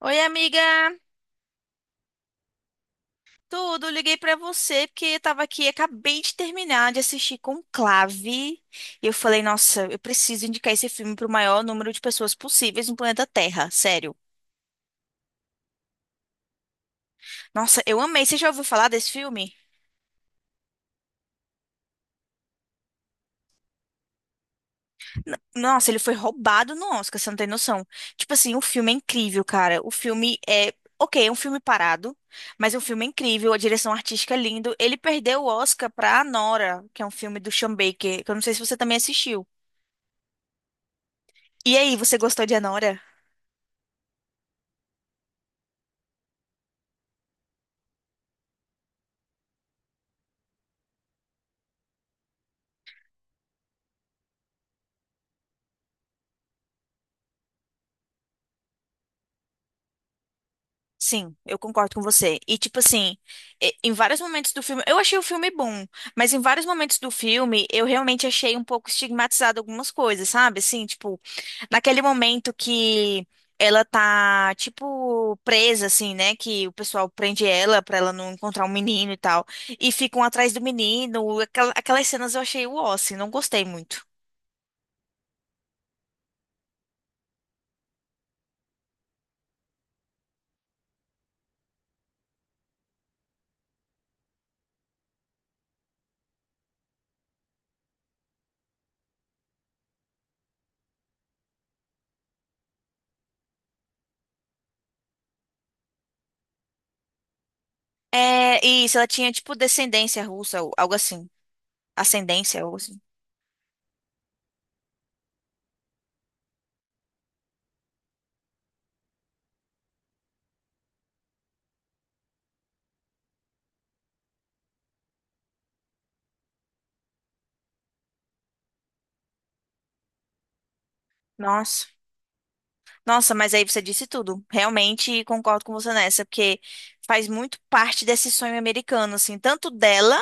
Oi, amiga. Tudo, liguei pra você porque eu tava aqui, acabei de terminar de assistir Conclave e eu falei, nossa, eu preciso indicar esse filme pro maior número de pessoas possíveis no planeta Terra, sério. Nossa, eu amei. Você já ouviu falar desse filme? Nossa, ele foi roubado no Oscar, você não tem noção. Tipo assim, o filme é incrível, cara. O filme é, ok, é um filme parado, mas é um filme incrível, a direção artística é lindo. Ele perdeu o Oscar pra Nora, que é um filme do Sean Baker, que eu não sei se você também assistiu. E aí, você gostou de Anora? Sim, eu concordo com você. E tipo assim, em vários momentos do filme, eu achei o filme bom, mas em vários momentos do filme, eu realmente achei um pouco estigmatizado algumas coisas, sabe? Assim, tipo, naquele momento que ela tá tipo presa assim, né, que o pessoal prende ela pra ela não encontrar um menino e tal, e ficam atrás do menino, aquelas cenas eu achei o assim, não gostei muito. É, e isso, ela tinha tipo descendência russa, ou algo assim, ascendência, algo assim. Nossa. Nossa, mas aí você disse tudo. Realmente concordo com você nessa, porque faz muito parte desse sonho americano, assim, tanto dela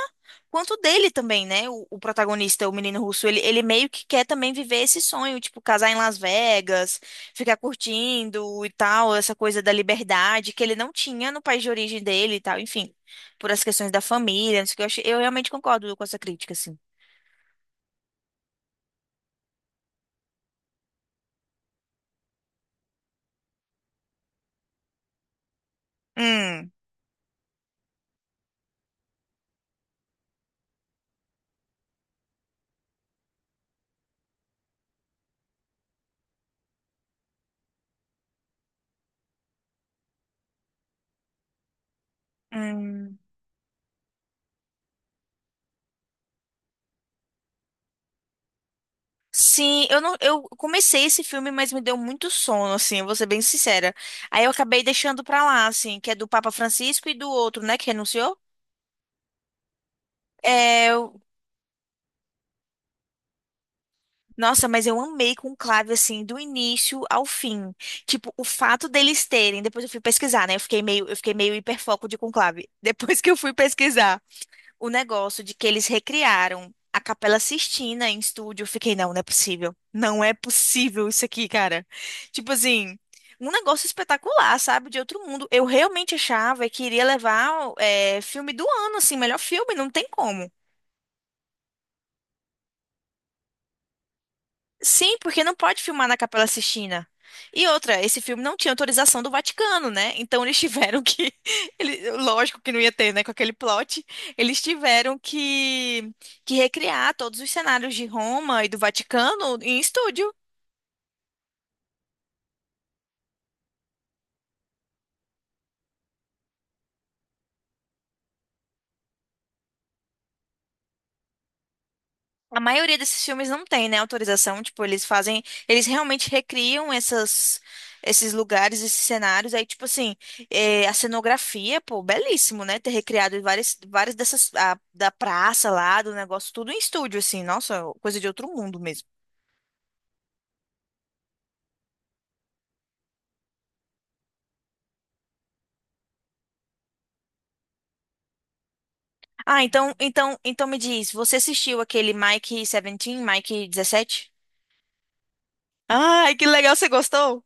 quanto dele também, né? O protagonista, o menino russo, ele meio que quer também viver esse sonho, tipo, casar em Las Vegas, ficar curtindo e tal, essa coisa da liberdade que ele não tinha no país de origem dele e tal, enfim, por as questões da família, não sei o que, eu, achei- eu realmente concordo com essa crítica, assim. Hum. Hum. Sim, eu não, eu comecei esse filme, mas me deu muito sono, assim, eu vou ser bem sincera. Aí eu acabei deixando pra lá, assim, que é do Papa Francisco e do outro, né, que renunciou. É, nossa, mas eu amei com Conclave, assim, do início ao fim. Tipo, o fato deles terem, depois eu fui pesquisar, né? Eu fiquei meio hiperfoco de Conclave. Depois que eu fui pesquisar o negócio de que eles recriaram a Capela Sistina em estúdio. Eu fiquei, não, não é possível. Não é possível isso aqui, cara. Tipo assim, um negócio espetacular, sabe? De outro mundo. Eu realmente achava que iria levar é, filme do ano, assim, melhor filme, não tem como. Sim, porque não pode filmar na Capela Sistina. E outra, esse filme não tinha autorização do Vaticano, né? Então eles tiveram que. Lógico que não ia ter, né? Com aquele plot. Eles tiveram que, recriar todos os cenários de Roma e do Vaticano em estúdio. A maioria desses filmes não tem, né, autorização, tipo, eles fazem, eles realmente recriam essas, esses lugares, esses cenários, aí, tipo assim, a cenografia, pô, belíssimo, né, ter recriado várias, várias dessas, da praça lá, do negócio, tudo em estúdio, assim, nossa, coisa de outro mundo mesmo. Ah, então, então, então me diz, você assistiu aquele Mike 17, Mike 17. Ai, que legal, você gostou?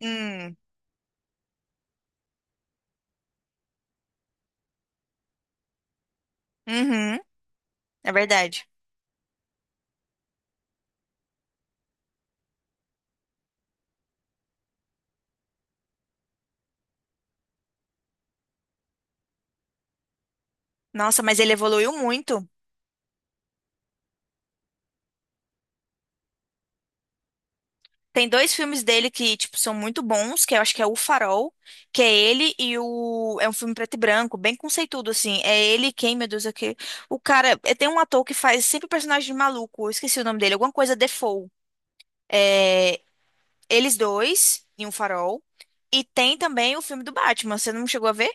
Hum. Uhum, é verdade. Nossa, mas ele evoluiu muito. Tem dois filmes dele que, tipo, são muito bons, que eu acho que é O Farol, que é ele e o... É um filme preto e branco, bem conceituado, assim. É ele quem, meu Deus, é o cara... é, tem um ator que faz sempre personagem maluco, eu esqueci o nome dele, alguma coisa Defoe. É... Eles dois em Um Farol. E tem também o filme do Batman, você não chegou a ver?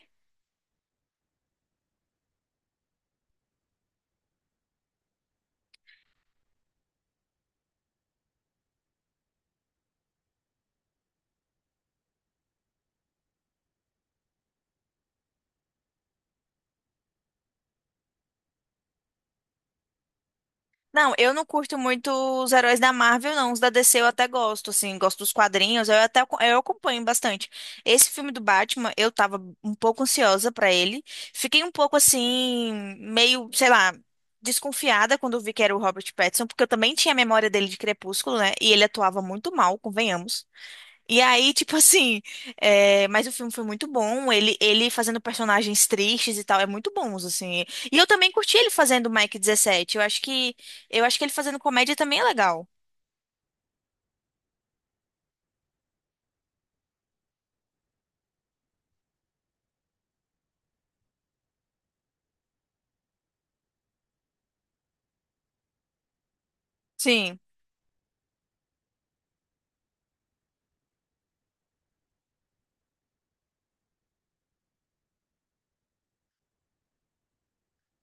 Não, eu não curto muito os heróis da Marvel, não. Os da DC eu até gosto, assim, gosto dos quadrinhos, eu até aco- eu acompanho bastante. Esse filme do Batman, eu tava um pouco ansiosa pra ele. Fiquei um pouco assim, meio, sei lá, desconfiada quando vi que era o Robert Pattinson, porque eu também tinha a memória dele de Crepúsculo, né? E ele atuava muito mal, convenhamos. E aí, tipo assim, é, mas o filme foi muito bom. Ele fazendo personagens tristes e tal, é muito bons assim. E eu também curti ele fazendo o Mike 17. Eu acho que, ele fazendo comédia também é legal. Sim.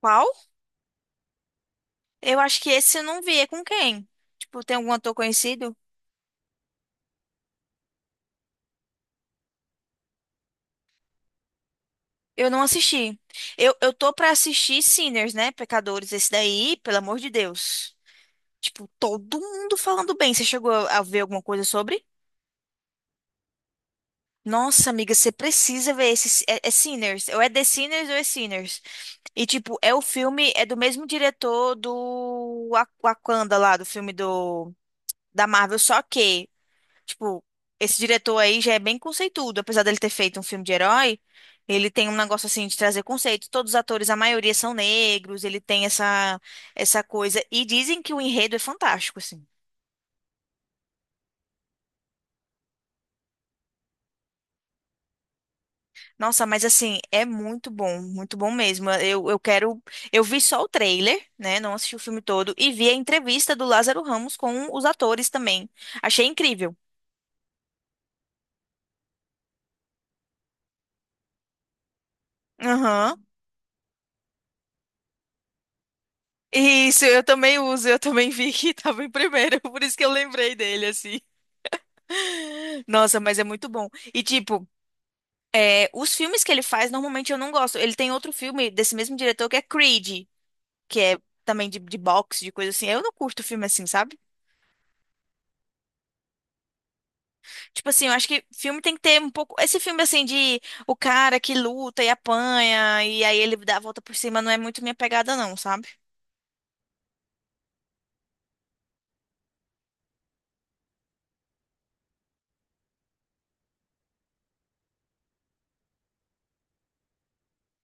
Qual? Eu acho que esse eu não vi. É com quem? Tipo, tem algum ator conhecido? Eu não assisti. Eu tô pra assistir Sinners, né? Pecadores, esse daí, pelo amor de Deus. Tipo, todo mundo falando bem. Você chegou a ver alguma coisa sobre? Nossa, amiga, você precisa ver esse. É, é Sinners. Ou é The Sinners ou é Sinners. E, tipo, é o filme. É do mesmo diretor do Wakanda lá, do filme do, da Marvel. Só que, tipo, esse diretor aí já é bem conceituado. Apesar dele ter feito um filme de herói, ele tem um negócio assim de trazer conceito. Todos os atores, a maioria são negros. Ele tem essa coisa. E dizem que o enredo é fantástico, assim. Nossa, mas assim, é muito bom mesmo. Eu quero. Eu vi só o trailer, né? Não assisti o filme todo. E vi a entrevista do Lázaro Ramos com os atores também. Achei incrível. Aham. Isso, eu também uso. Eu também vi que tava em primeiro. Por isso que eu lembrei dele, assim. Nossa, mas é muito bom. E tipo, é, os filmes que ele faz, normalmente eu não gosto. Ele tem outro filme desse mesmo diretor que é Creed, que é também de boxe, de coisa assim. Eu não curto filme assim, sabe? Tipo assim, eu acho que filme tem que ter um pouco. Esse filme, assim, de o cara que luta e apanha, e aí ele dá a volta por cima, não é muito minha pegada, não, sabe?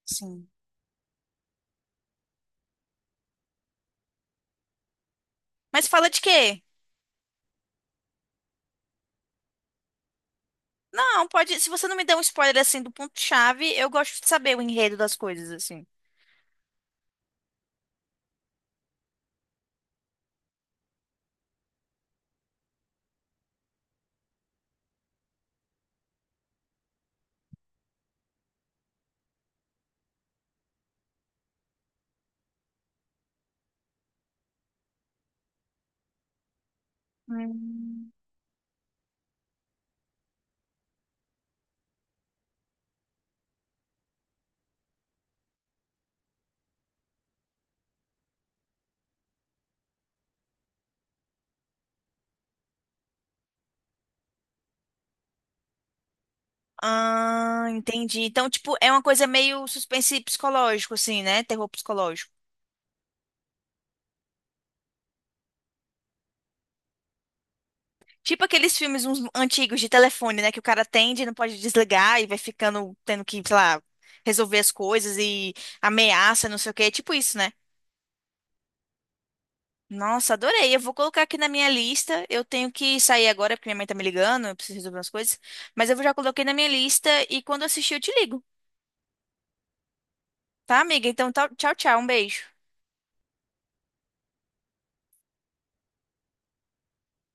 Sim. Mas fala de quê? Não, pode. Se você não me der um spoiler, assim, do ponto-chave, eu gosto de saber o enredo das coisas, assim. Hum. Ah, entendi. Então, tipo, é uma coisa meio suspense psicológico, assim, né? Terror psicológico. Tipo aqueles filmes uns antigos de telefone, né? Que o cara atende e não pode desligar e vai ficando tendo que, sei lá, resolver as coisas e ameaça, não sei o quê. É tipo isso, né? Nossa, adorei. Eu vou colocar aqui na minha lista. Eu tenho que sair agora porque minha mãe tá me ligando, eu preciso resolver umas coisas. Mas eu já coloquei na minha lista e quando eu assistir eu te ligo, tá, amiga? Então, tchau, tchau. Um beijo.